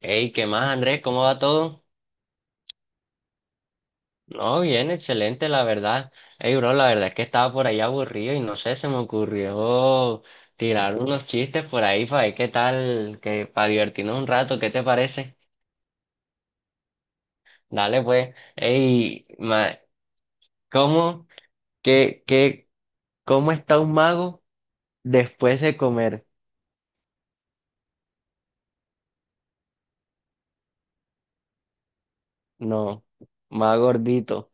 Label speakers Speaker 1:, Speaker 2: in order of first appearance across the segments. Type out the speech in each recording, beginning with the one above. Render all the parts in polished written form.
Speaker 1: Hey, ¿qué más, Andrés? ¿Cómo va todo? No, bien, excelente, la verdad. Hey, bro, la verdad es que estaba por ahí aburrido y no sé, se me ocurrió tirar unos chistes por ahí para ver qué tal, que para divertirnos un rato, ¿qué te parece? Dale, pues. Hey, ¿cómo, qué, qué, cómo está un mago después de comer? No, más gordito.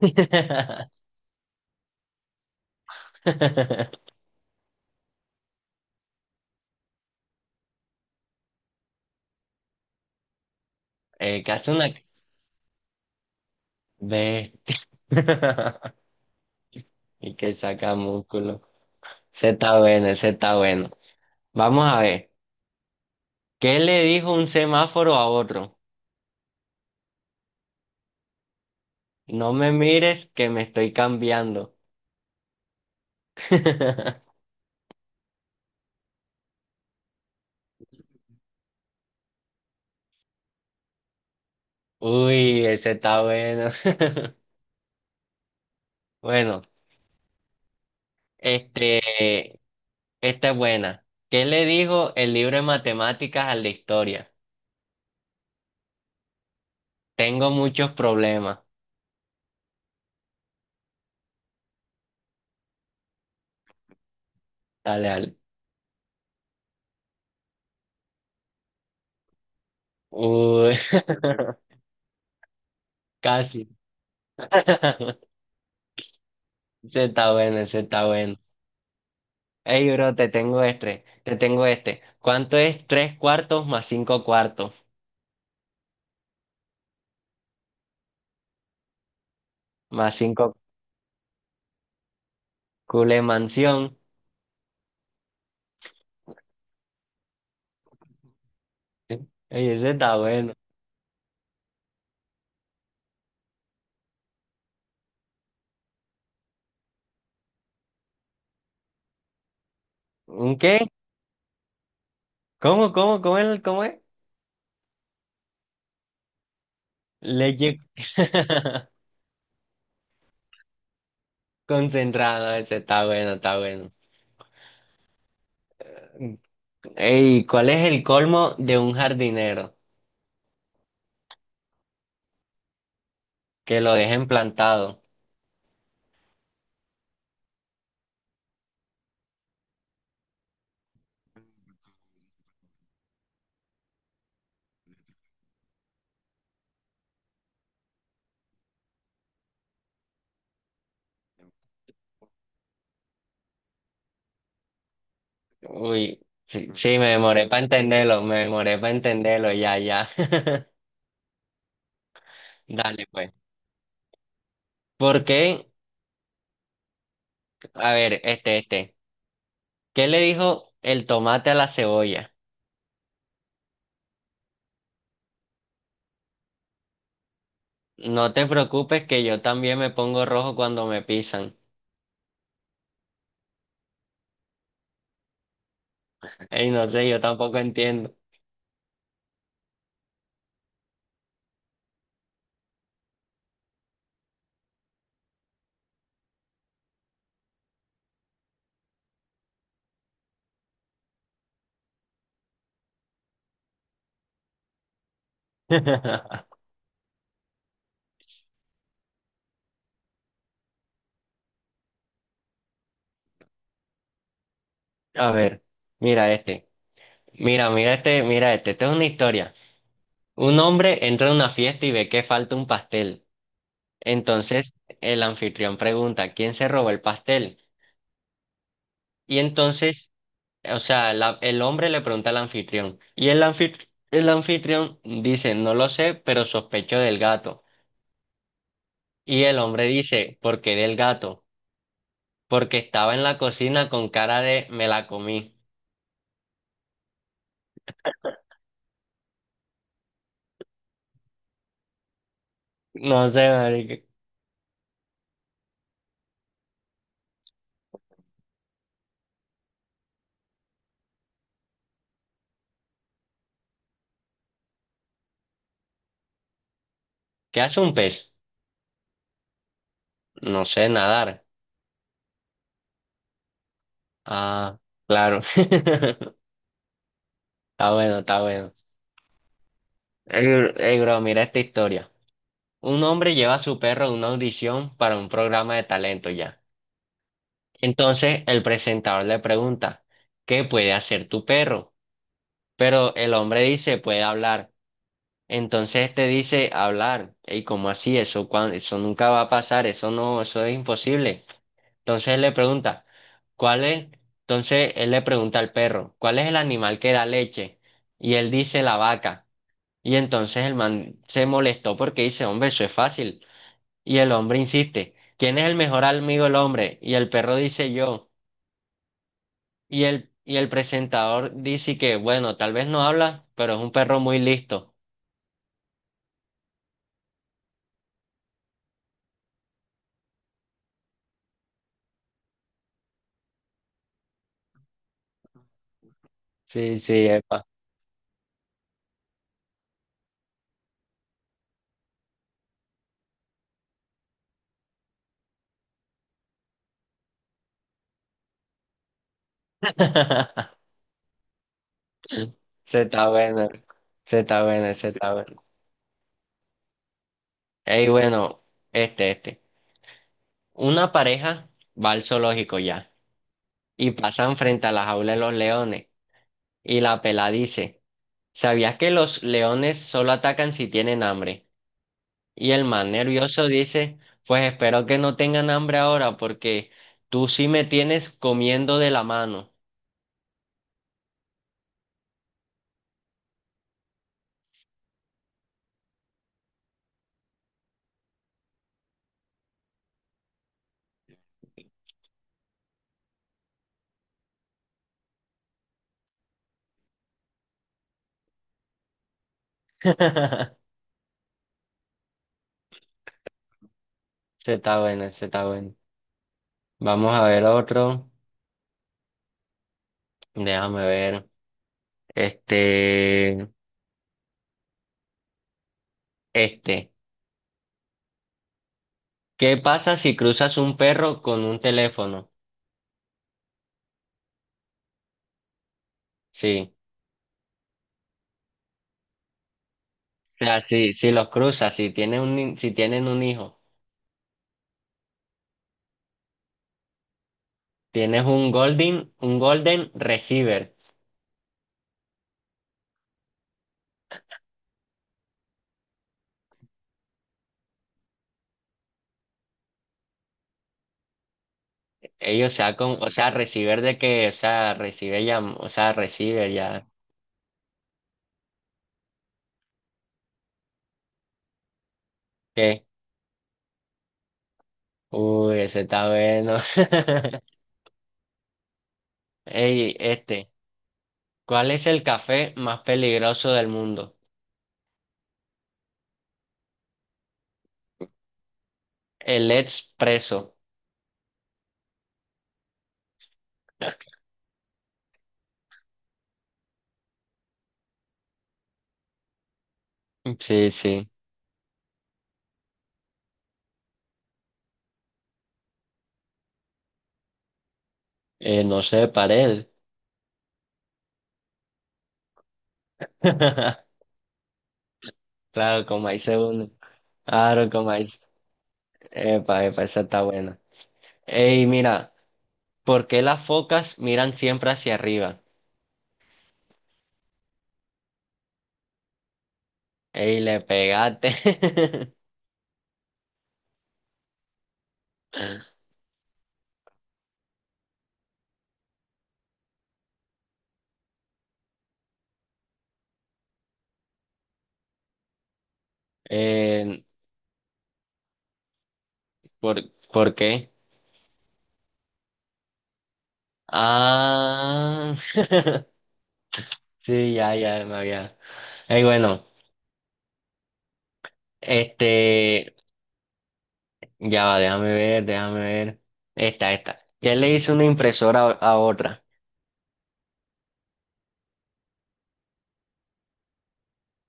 Speaker 1: Que hace una bestia y que saca músculo. Ese está bueno, ese está bueno. Vamos a ver. ¿Qué le dijo un semáforo a otro? No me mires que me estoy cambiando. Uy, ese está bueno. Bueno, este, esta es buena. ¿Qué le dijo el libro de matemáticas al de historia? Tengo muchos problemas. Dale, dale. Uy, casi. Ese está bueno, ese está bueno. Ey, bro, te tengo este, te tengo este. ¿Cuánto es tres cuartos? Más cinco cule mansión. Ey, ese está bueno. ¿Un qué? ¿Cómo es? ¿Cómo es? Leche concentrado, ese está bueno, está bueno. Ey, ¿cuál es el colmo de un jardinero? Que lo dejen plantado. Uy, sí, sí, me demoré para entenderlo, me demoré para entenderlo, ya, ya. Dale, pues. ¿Por qué? A ver, este, este. ¿Qué le dijo el tomate a la cebolla? No te preocupes que yo también me pongo rojo cuando me pisan. Ey, no sé, yo tampoco entiendo. A ver, mira este. Mira, mira este, mira este. Esta es una historia. Un hombre entra a una fiesta y ve que falta un pastel. Entonces el anfitrión pregunta, ¿quién se robó el pastel? Y entonces O sea, el hombre le pregunta al anfitrión y el anfitrión dice, no lo sé, pero sospecho del gato. Y el hombre dice, ¿por qué del gato? Porque estaba en la cocina con cara de me la comí. No sé, marica. ¿Qué hace un pez? No sé nadar. Ah, claro. Está bueno, está bueno. Ey, ey, bro, mira esta historia. Un hombre lleva a su perro a una audición para un programa de talento ya. Entonces el presentador le pregunta, ¿qué puede hacer tu perro? Pero el hombre dice, puede hablar. Entonces te dice, hablar. ¿Y cómo así? Eso nunca va a pasar, eso no, eso es imposible. Entonces él le pregunta, ¿cuál es? Entonces él le pregunta al perro, ¿cuál es el animal que da leche? Y él dice, la vaca. Y entonces el man se molestó porque dice, hombre, eso es fácil. Y el hombre insiste, ¿quién es el mejor amigo del hombre? Y el perro dice, yo. Y el presentador dice que, bueno, tal vez no habla, pero es un perro muy listo. Sí, sí, epa. Se está bueno, se está bueno, se está bueno. Ey, bueno, este. Una pareja va al zoológico ya y pasan frente a la jaula de los leones. Y la pela dice, ¿sabías que los leones solo atacan si tienen hambre? Y el man nervioso dice, pues espero que no tengan hambre ahora porque tú sí me tienes comiendo de la mano. Se está bueno, se está bueno. Vamos a ver otro. Déjame ver. Este, este. ¿Qué pasa si cruzas un perro con un teléfono? Sí. O sea, si los cruzas, si tienen un, ni- si tienen un hijo, tienes un golden receiver. Ellos sea con, o sea, receiver de que, o sea, recibe ya, o sea, receiver ya. ¿Qué? Uy, ese está bueno. Ey, este. ¿Cuál es el café más peligroso del mundo? El expreso. Sí, sí. No sé, pared. Claro, como ahí se une. Claro, como ahí. Epa, epa, esa está buena. Ey, mira, ¿por qué las focas miran siempre hacia arriba? Ey, le pegaste. Eh, ¿por, por qué? Ah, sí, ya, ya, me había. Ey, bueno, este. Ya va, déjame ver, déjame ver. Esta. ¿Qué le hizo una impresora a otra?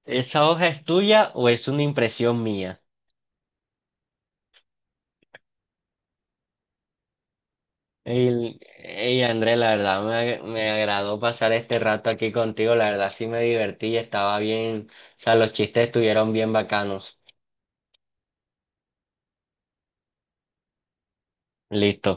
Speaker 1: ¿Esa hoja es tuya o es una impresión mía? Ey, André, la verdad me agradó pasar este rato aquí contigo. La verdad sí me divertí, estaba bien. O sea, los chistes estuvieron bien bacanos. Listo.